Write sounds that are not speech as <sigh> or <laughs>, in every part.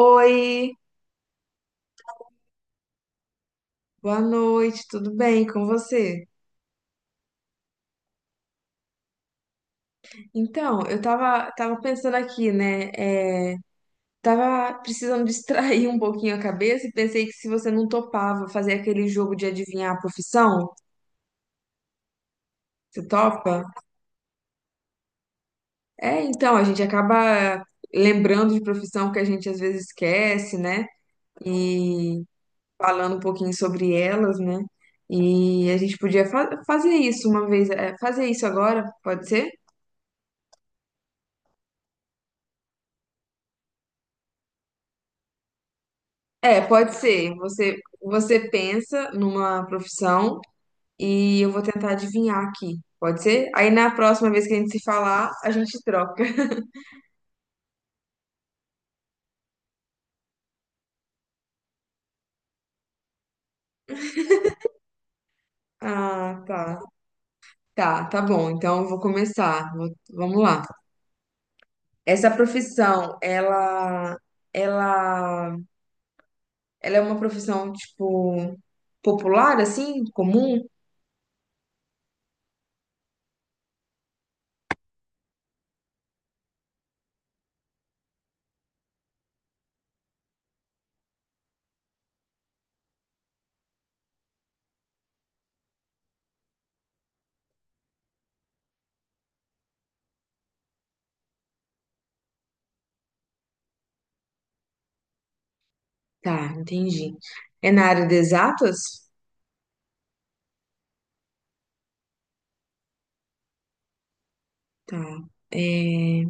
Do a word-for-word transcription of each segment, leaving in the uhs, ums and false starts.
Oi, boa noite, tudo bem com você? Então, eu tava, tava pensando aqui, né? é, tava precisando <laughs> distrair um pouquinho a cabeça e pensei que se você não topava fazer aquele jogo de adivinhar a profissão, você topa? É, então, a gente acaba lembrando de profissão que a gente às vezes esquece, né? E falando um pouquinho sobre elas, né? E a gente podia fa- fazer isso uma vez, é, fazer isso agora, pode ser? É, pode ser. Você, você pensa numa profissão e eu vou tentar adivinhar aqui. Pode ser? Aí na próxima vez que a gente se falar, a gente troca. <laughs> Ah, tá. Tá, tá bom. Então eu vou começar. Vou- vamos lá. Essa profissão, ela, ela, ela é uma profissão, tipo, popular, assim, comum? Tá, entendi. É na área de exatas? Tá. É,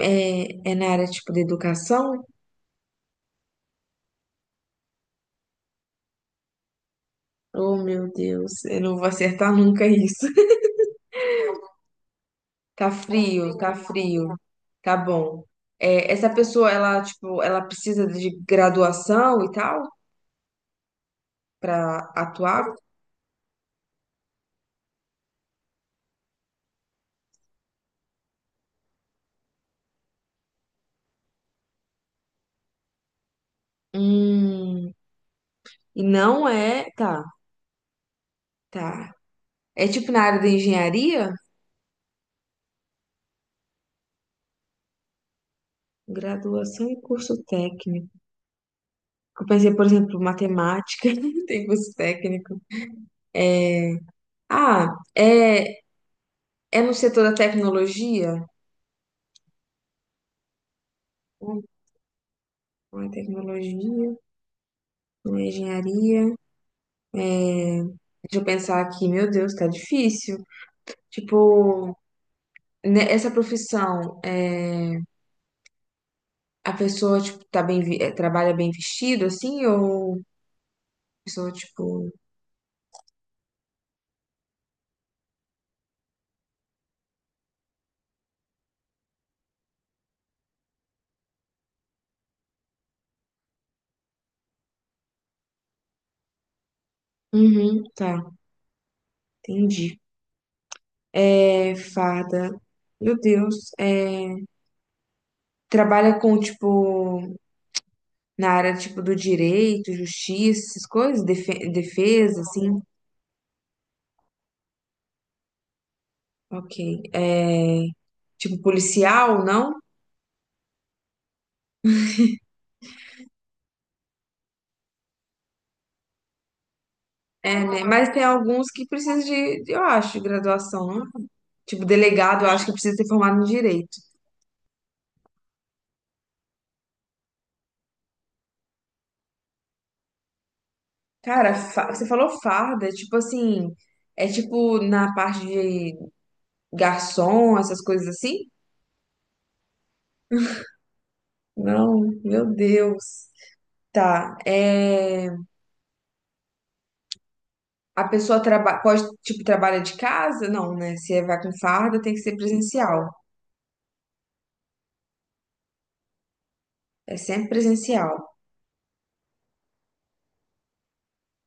é, é na área, tipo, de educação? Oh, meu Deus, eu não vou acertar nunca isso. <laughs> Tá frio, tá frio. Tá bom. É, essa pessoa, ela, tipo, ela precisa de graduação e tal pra atuar? Hum, e não é. Tá, tá. É tipo na área da engenharia? Graduação e curso técnico. Eu pensei, por exemplo, matemática, <laughs> tem curso técnico. É, ah, é, é no setor da tecnologia? Hum, Não é tecnologia, não é engenharia. É, deixa eu pensar aqui, meu Deus, tá difícil. Tipo, né, essa profissão, é, a pessoa, tipo, tá bem, vi- é, trabalha bem vestido, assim, ou a pessoa, tipo... Uhum, tá, entendi. É, farda, meu Deus, é, trabalha com, tipo, na área, tipo, do direito, justiça, essas coisas, defe- defesa, assim, ok. É, tipo, policial, não? É, né? Mas tem alguns que precisam de, de- eu acho, de graduação, não? Tipo, delegado, eu acho que precisa ser formado em direito. Cara, fa- você falou farda, tipo assim, é tipo na parte de garçom, essas coisas assim? Não, meu Deus. Tá, é... A pessoa traba... pode, tipo, trabalha de casa? Não, né? Se é, vai com farda, tem que ser presencial. É sempre presencial.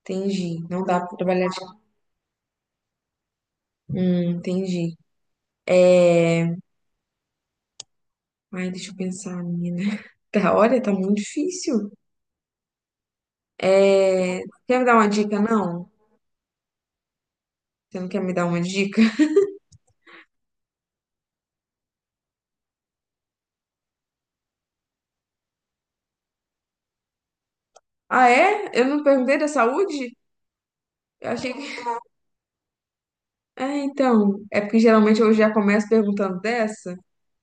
Entendi. Não dá pra trabalhar de... Hum, entendi. É... Ai, deixa eu pensar, menina. <laughs> Tá, olha, tá muito difícil. É... Quer me dar uma dica, não? Você não quer me dar uma dica? <laughs> Ah, é? Eu não perguntei da saúde? Eu achei que. <laughs> Ah, então. É porque geralmente eu já começo perguntando dessa.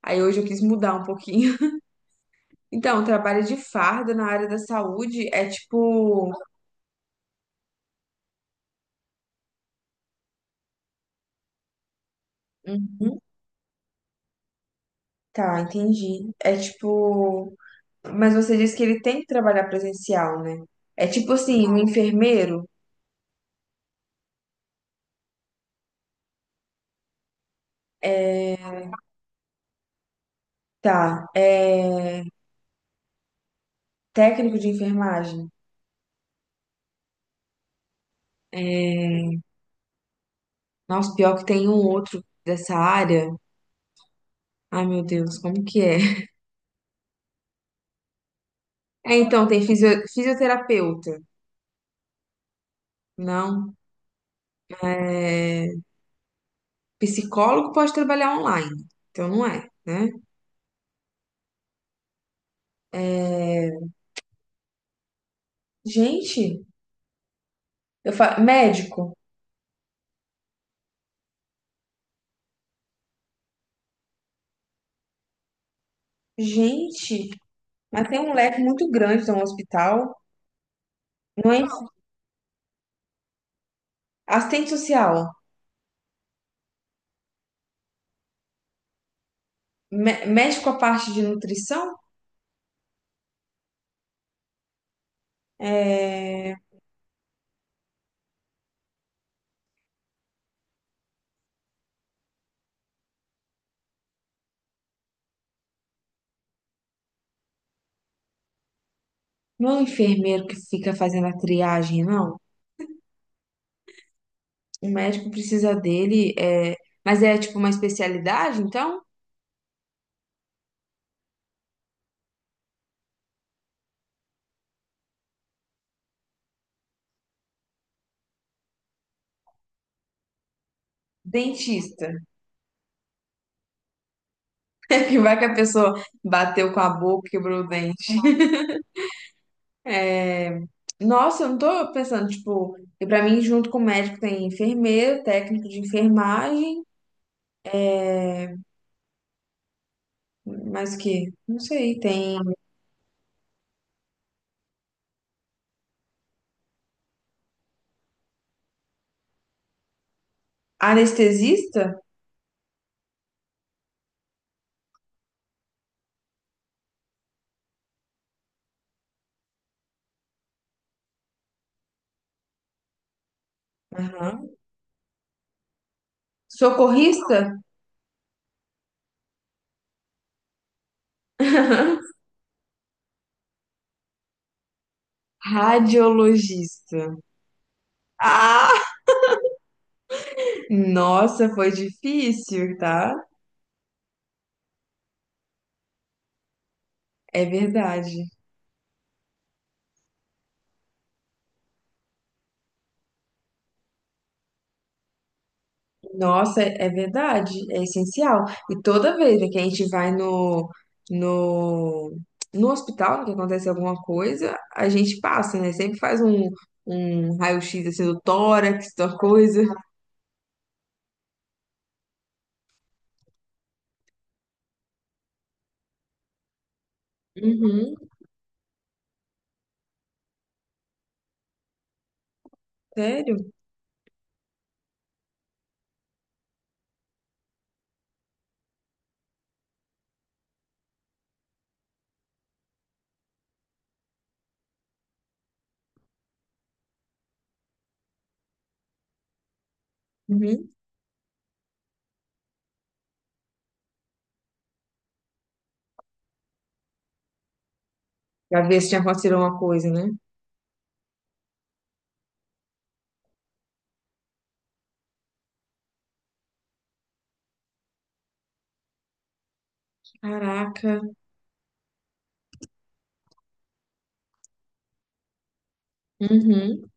Aí hoje eu quis mudar um pouquinho. <laughs> Então, trabalho de farda na área da saúde é tipo. Uhum, tá, entendi. É tipo. Mas você disse que ele tem que trabalhar presencial, né? É tipo assim, um enfermeiro. Tá. É. Técnico de enfermagem. Nossa, pior que tem um outro dessa área. Ai, meu Deus, como que é? <laughs> É, então, tem fisio- fisioterapeuta. Não. É, psicólogo pode trabalhar online. Então, não é, né? É, gente, eu falo... Médico. Gente, mas tem um leque muito grande no hospital. Não é... Assistente social. mé- Médico a parte de nutrição? É... Não é o enfermeiro que fica fazendo a triagem, não? O médico precisa dele, é... mas é tipo uma especialidade, então? Dentista. <laughs> Que vai que a pessoa bateu com a boca, quebrou o dente. <laughs> Nossa, eu não tô pensando, tipo, e pra mim, junto com o médico, tem enfermeiro, técnico de enfermagem, mais o quê? Não sei, tem anestesista? Aham. Socorrista? <laughs> Radiologista. Ah! Nossa, foi difícil, tá? É verdade. Nossa, é é verdade, é essencial. E toda vez né, que a gente vai no, no, no hospital, né, que acontece alguma coisa, a gente passa, né? Sempre faz um, um raio-x assim do tórax, da coisa. Uhum, sério? Uhum. Pra ver se tinha acontecido alguma coisa, né? Caraca. Uhum.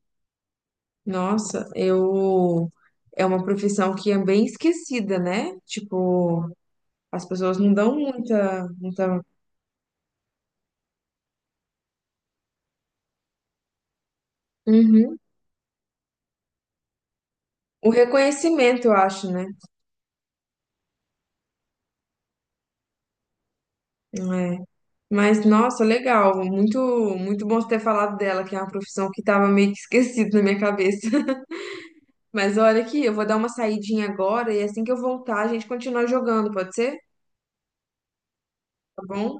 Nossa, eu. É uma profissão que é bem esquecida, né? Tipo, as pessoas não dão muita, muita... Uhum. O reconhecimento, eu acho, né? É. Mas, nossa, legal. Muito, muito bom você ter falado dela, que é uma profissão que estava meio que esquecida na minha cabeça. <laughs> Mas olha aqui, eu vou dar uma saidinha agora e assim que eu voltar, a gente continua jogando, pode ser? Tá bom?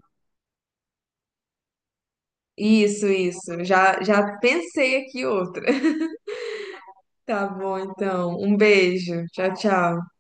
Isso, isso. Já, já pensei aqui outra. <laughs> Tá bom, então. Um beijo. Tchau, tchau.